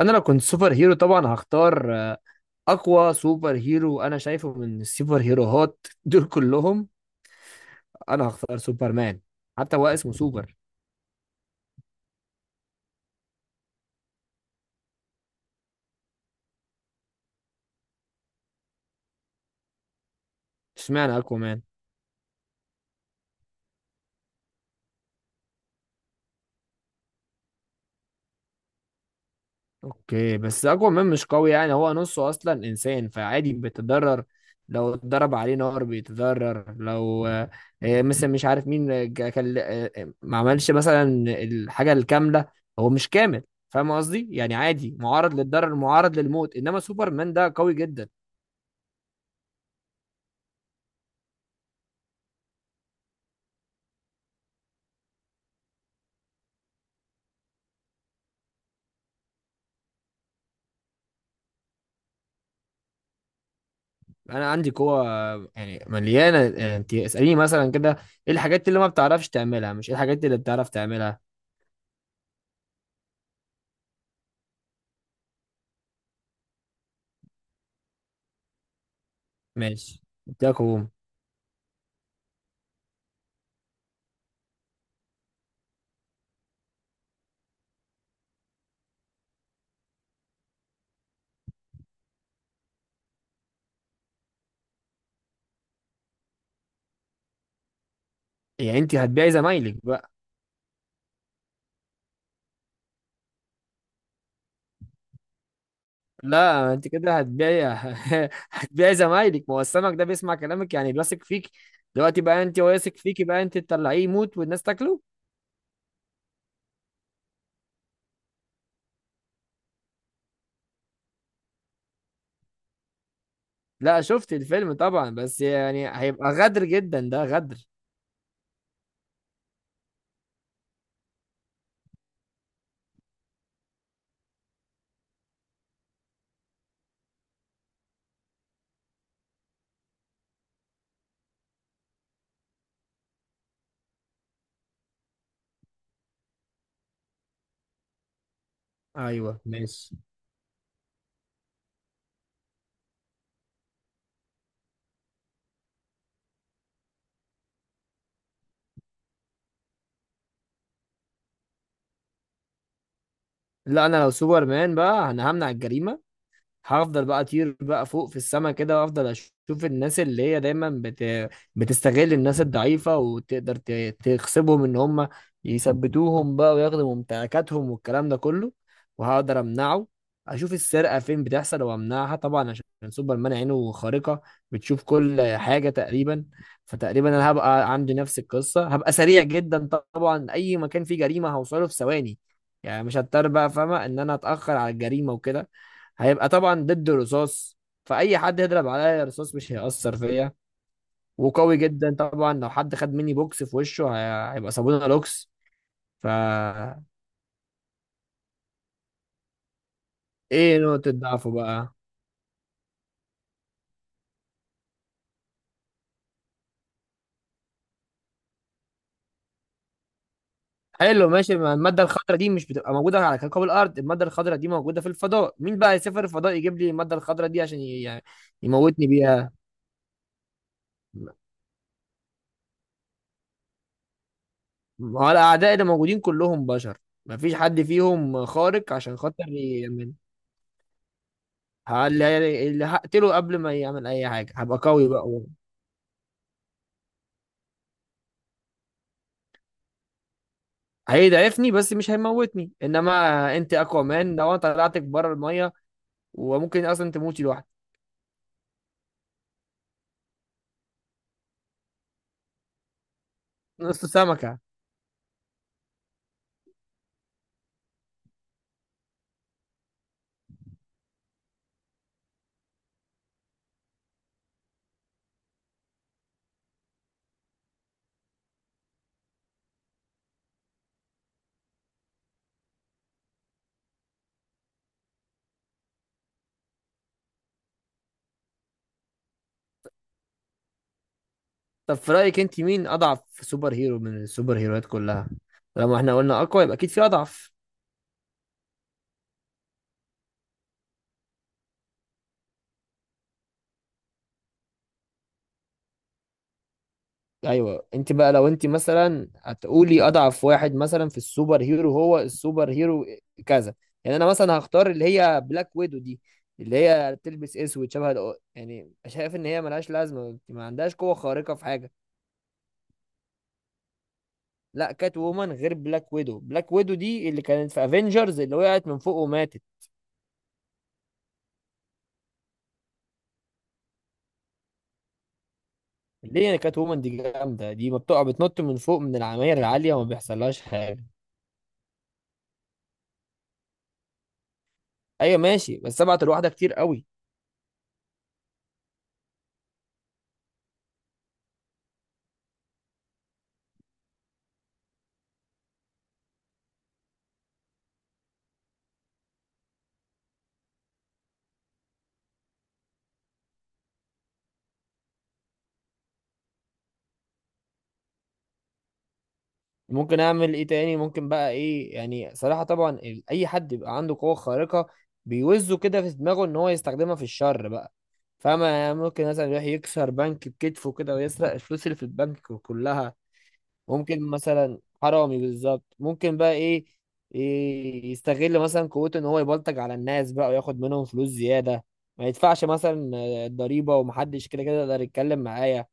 انا لو كنت سوبر هيرو طبعا هختار اقوى سوبر هيرو انا شايفه من السوبر هيروهات دول كلهم. انا هختار سوبر مان، حتى هو اسمه سوبر. اشمعنى اقوى مان؟ اوكي، بس اقوى مان مش قوي، يعني هو نصه اصلا انسان، فعادي بيتضرر. لو اتضرب عليه نار بيتضرر، لو مثلا مش عارف مين آه، جا- كان آه، آه، ما عملش مثلا الحاجة الكاملة، هو مش كامل. فاهم قصدي؟ يعني عادي، معرض للضرر، معرض للموت، انما سوبر مان ده قوي جدا. انا عندي قوه يعني مليانه، يعني انت اساليني مثلا كده، ايه الحاجات اللي ما بتعرفش تعملها، مش ايه الحاجات اللي بتعرف تعملها. ماشي، اديها قوه. يعني انت هتبيعي زمايلك بقى؟ لا انت كده هتبيعي. هتبيعي زمايلك، ما هو السمك ده بيسمع كلامك، يعني بيثق فيك دلوقتي بقى، انت واثق فيكي بقى انت تطلعيه يموت والناس تاكله؟ لا شفت الفيلم طبعا، بس يعني هيبقى غدر جدا، ده غدر. ايوه ماشي. لا انا لو سوبرمان بقى انا همنع الجريمه، هفضل بقى اطير بقى فوق في السما كده، وافضل اشوف الناس اللي هي دايما بت... بتستغل الناس الضعيفة، تخسبهم ان هم يثبتوهم بقى وياخدوا ممتلكاتهم والكلام ده كله، وهقدر امنعه. اشوف السرقة فين بتحصل وامنعها، طبعا عشان سوبرمان عينه خارقة بتشوف كل حاجة تقريبا. فتقريبا انا هبقى عندي نفس القصة، هبقى سريع جدا طبعا، اي مكان فيه جريمة هوصله في ثواني، يعني مش هضطر بقى، فاهمة ان انا اتأخر على الجريمة وكده. هيبقى طبعا ضد رصاص، فاي حد يضرب عليا رصاص مش هيأثر فيا. وقوي جدا طبعا، لو حد خد مني بوكس في وشه هيبقى صابونه لوكس. فا ايه نقطة ضعفه بقى؟ حلو ماشي، ما المادة الخضراء دي مش بتبقى موجودة على كوكب الأرض، المادة الخضراء دي موجودة في الفضاء، مين بقى يسافر الفضاء يجيب لي المادة الخضراء دي عشان يعني يموتني بيها؟ ما هو الأعداء اللي موجودين كلهم بشر، مفيش حد فيهم خارق عشان خاطر يعمل. اللي هقتله قبل ما يعمل أي حاجة هبقى قوي بقى. هيضعفني بس مش هيموتني، انما انت اكوامان لو انا طلعتك بره الميه وممكن اصلا تموتي لوحدك. نص سمكه. طب في رايك انت مين اضعف سوبر هيرو من السوبر هيروات كلها؟ لما احنا قلنا اقوى يبقى اكيد في اضعف. ايوه انت بقى لو انت مثلا هتقولي اضعف واحد مثلا في السوبر هيرو، هو السوبر هيرو كذا. يعني انا مثلا هختار اللي هي بلاك ويدو دي، اللي هي بتلبس اسود شبه يعني شايف ان هي ملهاش لازمه، ما عندهاش قوه خارقه في حاجه. لا كات وومن غير بلاك ويدو، بلاك ويدو دي اللي كانت في افنجرز اللي وقعت من فوق وماتت. ليه يعني؟ كات وومن دي جامده دي، ما بتقع بتنط من فوق من العماير العاليه وما بيحصلهاش حاجه. ايوه ماشي، بس سبعة الواحده كتير قوي. ممكن اعمل ايه تاني؟ ممكن بقى ايه؟ يعني صراحه طبعا اي حد يبقى عنده قوه خارقه بيوزه كده في دماغه ان هو يستخدمها في الشر بقى، فاهمة؟ يعني ممكن مثلا يروح يكسر بنك بكتفه كده ويسرق الفلوس اللي في البنك كلها. ممكن مثلا، حرامي بالظبط. ممكن بقى ايه؟ إيه، يستغل مثلا قوته ان هو يبلطج على الناس بقى وياخد منهم فلوس زياده، ما يدفعش مثلا الضريبه، ومحدش كده كده يقدر يتكلم معايا.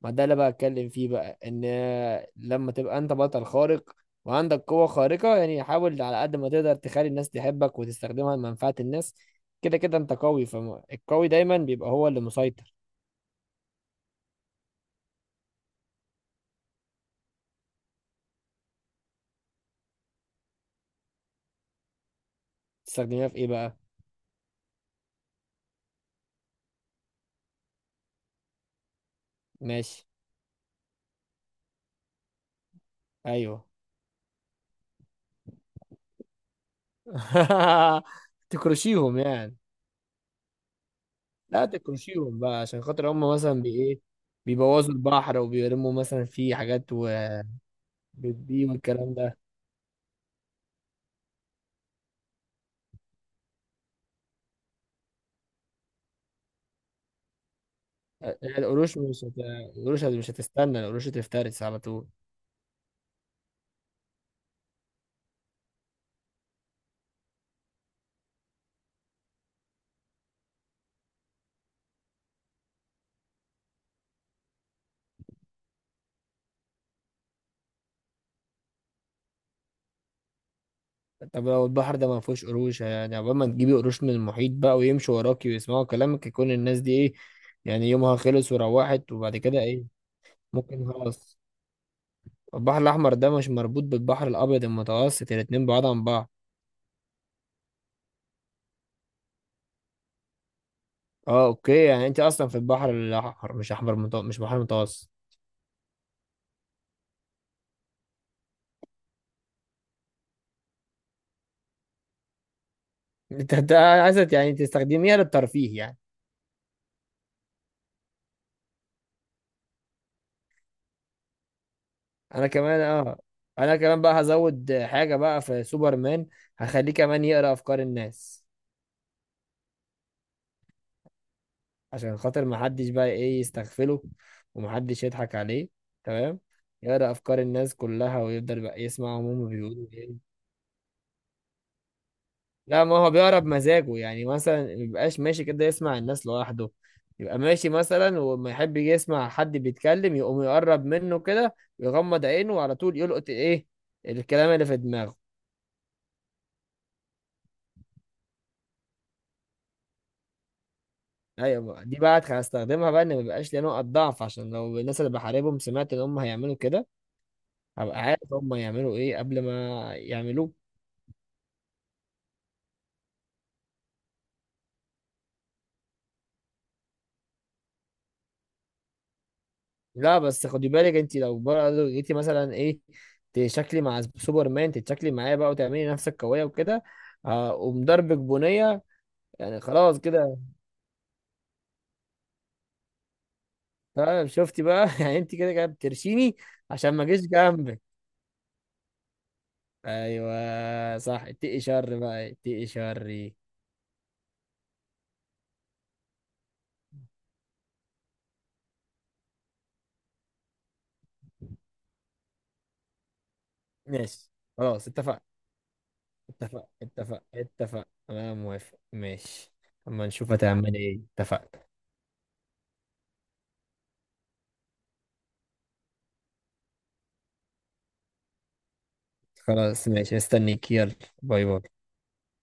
ما ده اللي بقى اتكلم فيه بقى، ان لما تبقى انت بطل خارق وعندك قوه خارقه، يعني حاول على قد ما تقدر تخلي الناس تحبك، وتستخدمها لمنفعه الناس. كده كده انت قوي، فالقوي دايما بيبقى هو اللي مسيطر. تستخدمها في ايه بقى؟ ماشي. ايوه. تكرشيهم يعني؟ لا تكرشيهم بقى عشان خاطر هم مثلا بي ايه، بيبوظوا البحر وبيرموا مثلا فيه حاجات، وبتبي والكلام ده. القروش مش هت... القروش مش هتستنى، القروش هتفترس على طول. طب لو البحر ده ما فيهوش قروش، يعني عقبال ما تجيبي قروش من المحيط بقى ويمشوا وراكي ويسمعوا كلامك، يكون الناس دي ايه؟ يعني يومها خلص وروحت وبعد كده ايه؟ ممكن خلاص. البحر الأحمر ده مش مربوط بالبحر الأبيض المتوسط، الاتنين بعاد عن بعض. اه اوكي، يعني انت اصلا في البحر الاحمر مش احمر مش بحر متوسط. انت انت عايزه يعني تستخدميها للترفيه يعني؟ انا كمان اه، انا كمان بقى هزود حاجه بقى في سوبرمان، هخليه كمان يقرا افكار الناس عشان خاطر ما حدش بقى ايه يستغفله ومحدش يضحك عليه، تمام؟ يقرا افكار الناس كلها ويفضل بقى يسمعهم هم بيقولوا ايه. لا ما هو بيقرا بمزاجه، يعني مثلا ما بيبقاش ماشي كده يسمع الناس لوحده، يبقى ماشي مثلا وما يحب يجي يسمع حد بيتكلم، يقوم يقرب منه كده ويغمض عينه وعلى طول يلقط ايه الكلام اللي في دماغه. ايوه بقى، دي بقى هستخدمها بقى ان ما يبقاش ليا نقط ضعف، عشان لو الناس اللي بحاربهم سمعت ان هم هيعملوا كده، هبقى عارف هم هيعملوا ايه قبل ما يعملوه. لا بس خدي بالك، انت لو برضه جيتي مثلا ايه، تشكلي مع سوبرمان، تتشكلي معايا بقى وتعملي نفسك قويه وكده، اقوم ضربك بنيه يعني خلاص كده. فاهم شفتي بقى؟ يعني انت كده كده بترشيني عشان ما اجيش جنبك. ايوه صح، اتقي شر بقى، اتقي شري. ماشي. خلاص اتفقنا اتفقنا، انا موافق، ماشي. اما نشوف هتعمل ايه. اتفقنا. خلاص ماشي، استنيك، يلا. باي باي.